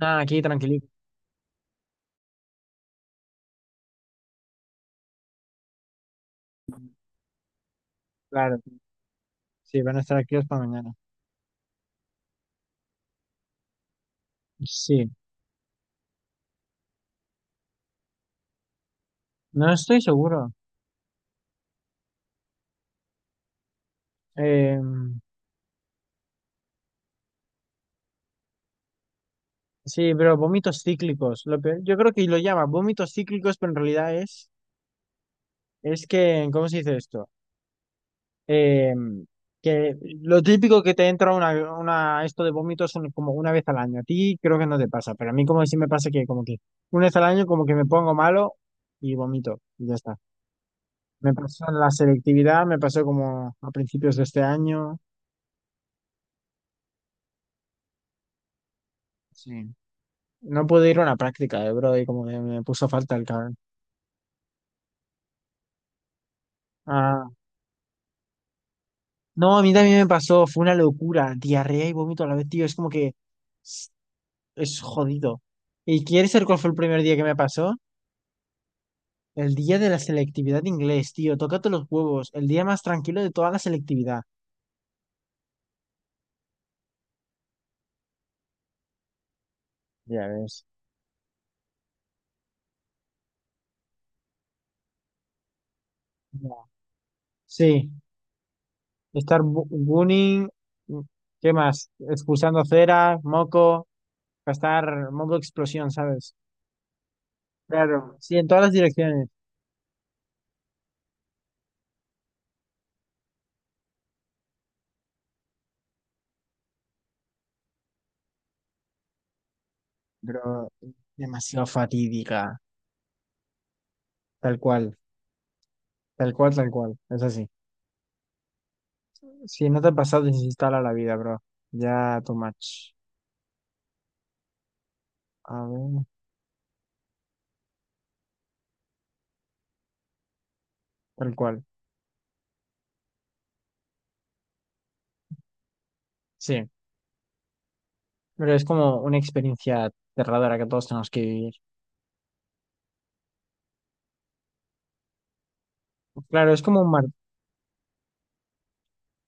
Ah, aquí tranquilito. Claro, sí, van a estar activos para mañana. Sí, no estoy seguro. Eh, sí, pero vómitos cíclicos. Yo creo que lo llama vómitos cíclicos, pero en realidad es que, ¿cómo se dice esto? Eh, que lo típico que te entra una esto de vómitos son como una vez al año. A ti creo que no te pasa, pero a mí como que sí me pasa que como que una vez al año como que me pongo malo y vomito y ya está. Me pasó en la selectividad, me pasó como a principios de este año. Sí. No pude ir a una práctica de Brody, como que me puso falta el cabrón. Ah, no, a mí también me pasó, fue una locura, diarrea y vómito a la vez, tío, es como que es es jodido. ¿Y quieres saber cuál fue el primer día que me pasó? El día de la selectividad de inglés, tío, tócate los huevos, el día más tranquilo de toda la selectividad. Ya ves. Ya. Sí, bullying, ¿qué más? Expulsando cera, moco, gastar moco explosión, ¿sabes? Claro. Sí, en todas las direcciones. Pero demasiado fatídica. Tal cual, tal cual, tal cual. Es así. Si no te ha pasado, desinstala la vida, bro. Ya too much. A ver, tal cual. Sí, pero es como una experiencia aterradora que todos tenemos que vivir. Claro,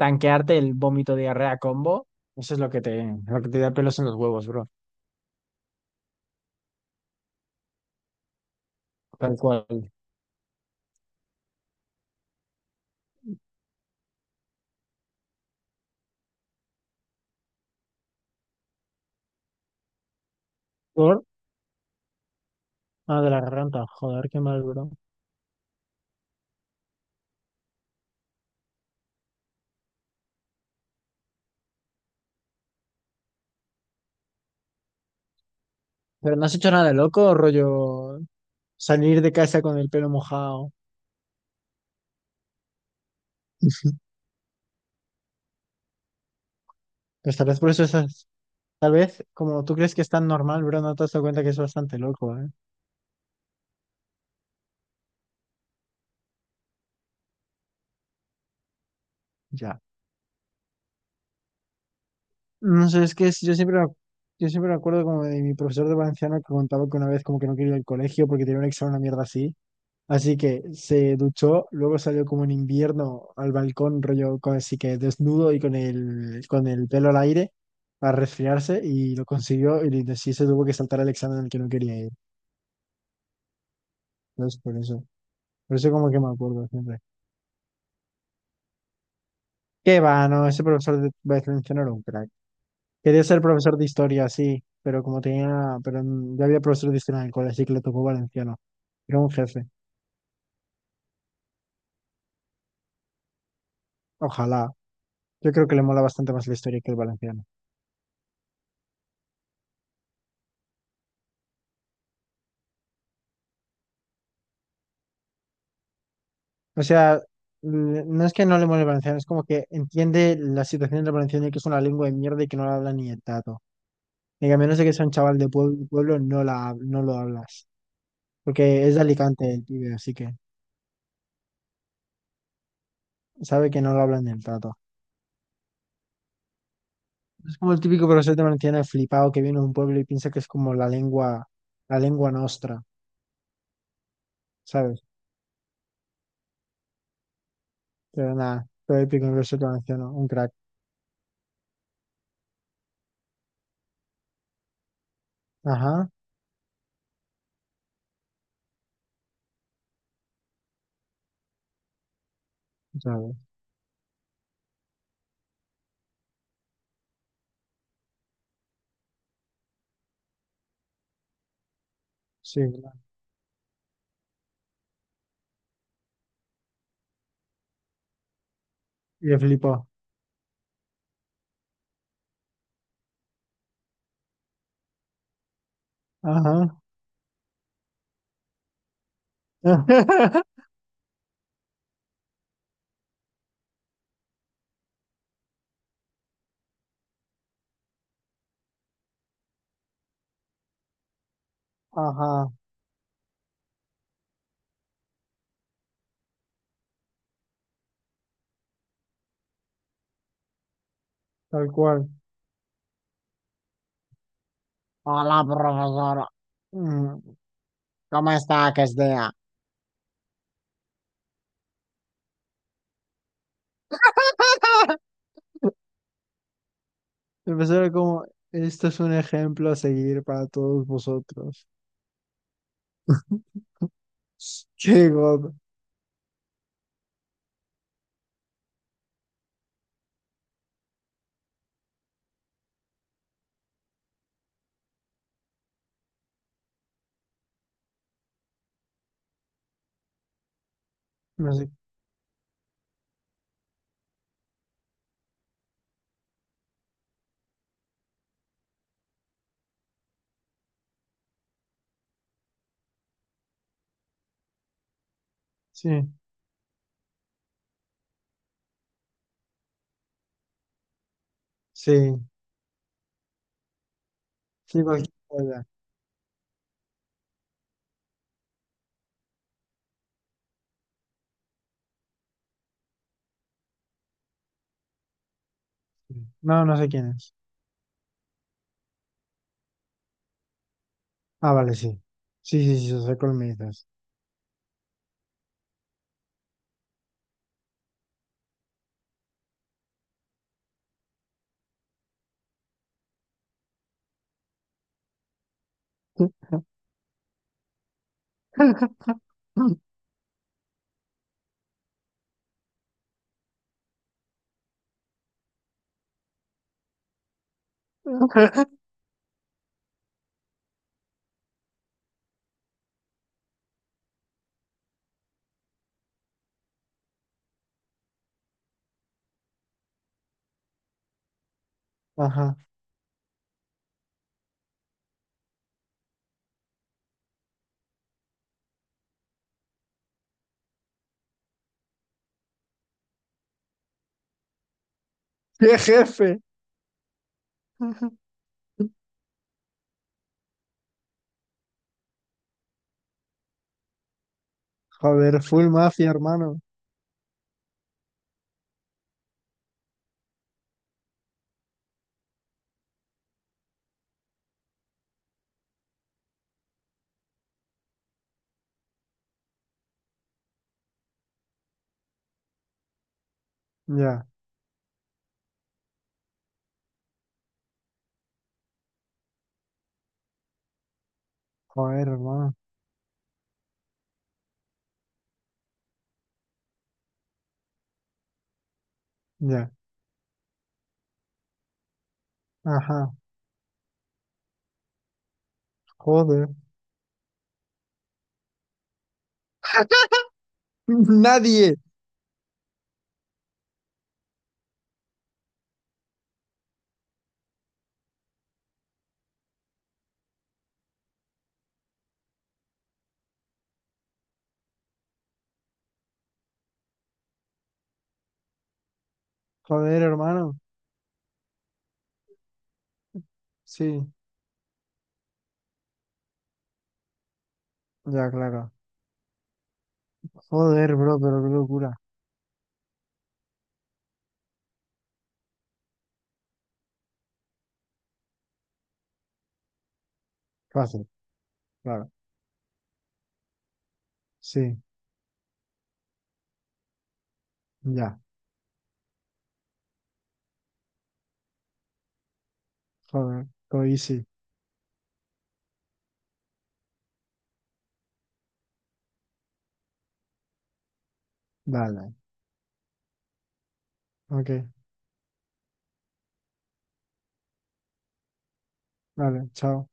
tanquearte el vómito diarrea combo. Eso es lo que lo que te da pelos en los huevos, bro. Tal cual. Por, ah, de la garganta. Joder, qué mal, bro. Pero no has hecho nada de loco, rollo salir de casa con el pelo mojado. Pues tal vez por eso tal vez como tú crees que es tan normal, bro, no te has dado cuenta que es bastante loco, ¿eh? Ya. No sé, es que es- yo siempre, me ac- yo siempre me acuerdo como de mi profesor de valenciano que contaba que una vez como que no quería ir al colegio porque tenía un examen, una mierda así. Así que se duchó, luego salió como en invierno al balcón, así que desnudo y con con el pelo al aire para resfriarse y lo consiguió y sí se tuvo que saltar el examen al que no quería ir. Entonces, por eso como que me acuerdo siempre. Qué va, no, ese profesor de Westminster era un crack. Quería ser profesor de historia, sí, pero ya había profesor de historia en el colegio, así que le tocó valenciano. Era un jefe. Ojalá. Yo creo que le mola bastante más la historia que el valenciano. O sea, no es que no le mole el valenciano, es como que entiende la situación del valenciano y que es una lengua de mierda y que no la habla ni el tato. Y que a menos de que sea un chaval de pueblo, pueblo no no lo hablas. Porque es de Alicante el pibe, así que sabe que no lo hablan ni el tato. Como el típico profesor te mantiene flipado que viene de un pueblo y piensa que es como la lengua nostra, ¿sabes? Pero nada, todo el típico profesor te mantiene un crack. Ajá, ¿sabes? Sí, claro. Y él flipó. Ajá. Ajá, tal cual. Hola, profesora. Mm, ¿cómo está que es día? El profesor era como, esto es un ejemplo a seguir para todos vosotros. Qué god. No sé. Sí, sí, sí, cualquier cosa. No, no sé quién es. Ah, vale, sí. Sí, sí, sí, soy colmillitas. Ajá. ¡Qué jefe! Joder, full mafia, hermano. Ya. Joder, hermano. Ya. Ajá. Joder. Nadie. Joder, hermano. Sí. Ya, claro. Joder, bro, pero qué locura. Fácil, claro. Sí. Ya. Joder. Lo hice. Dale. Ok. Dale. Chao.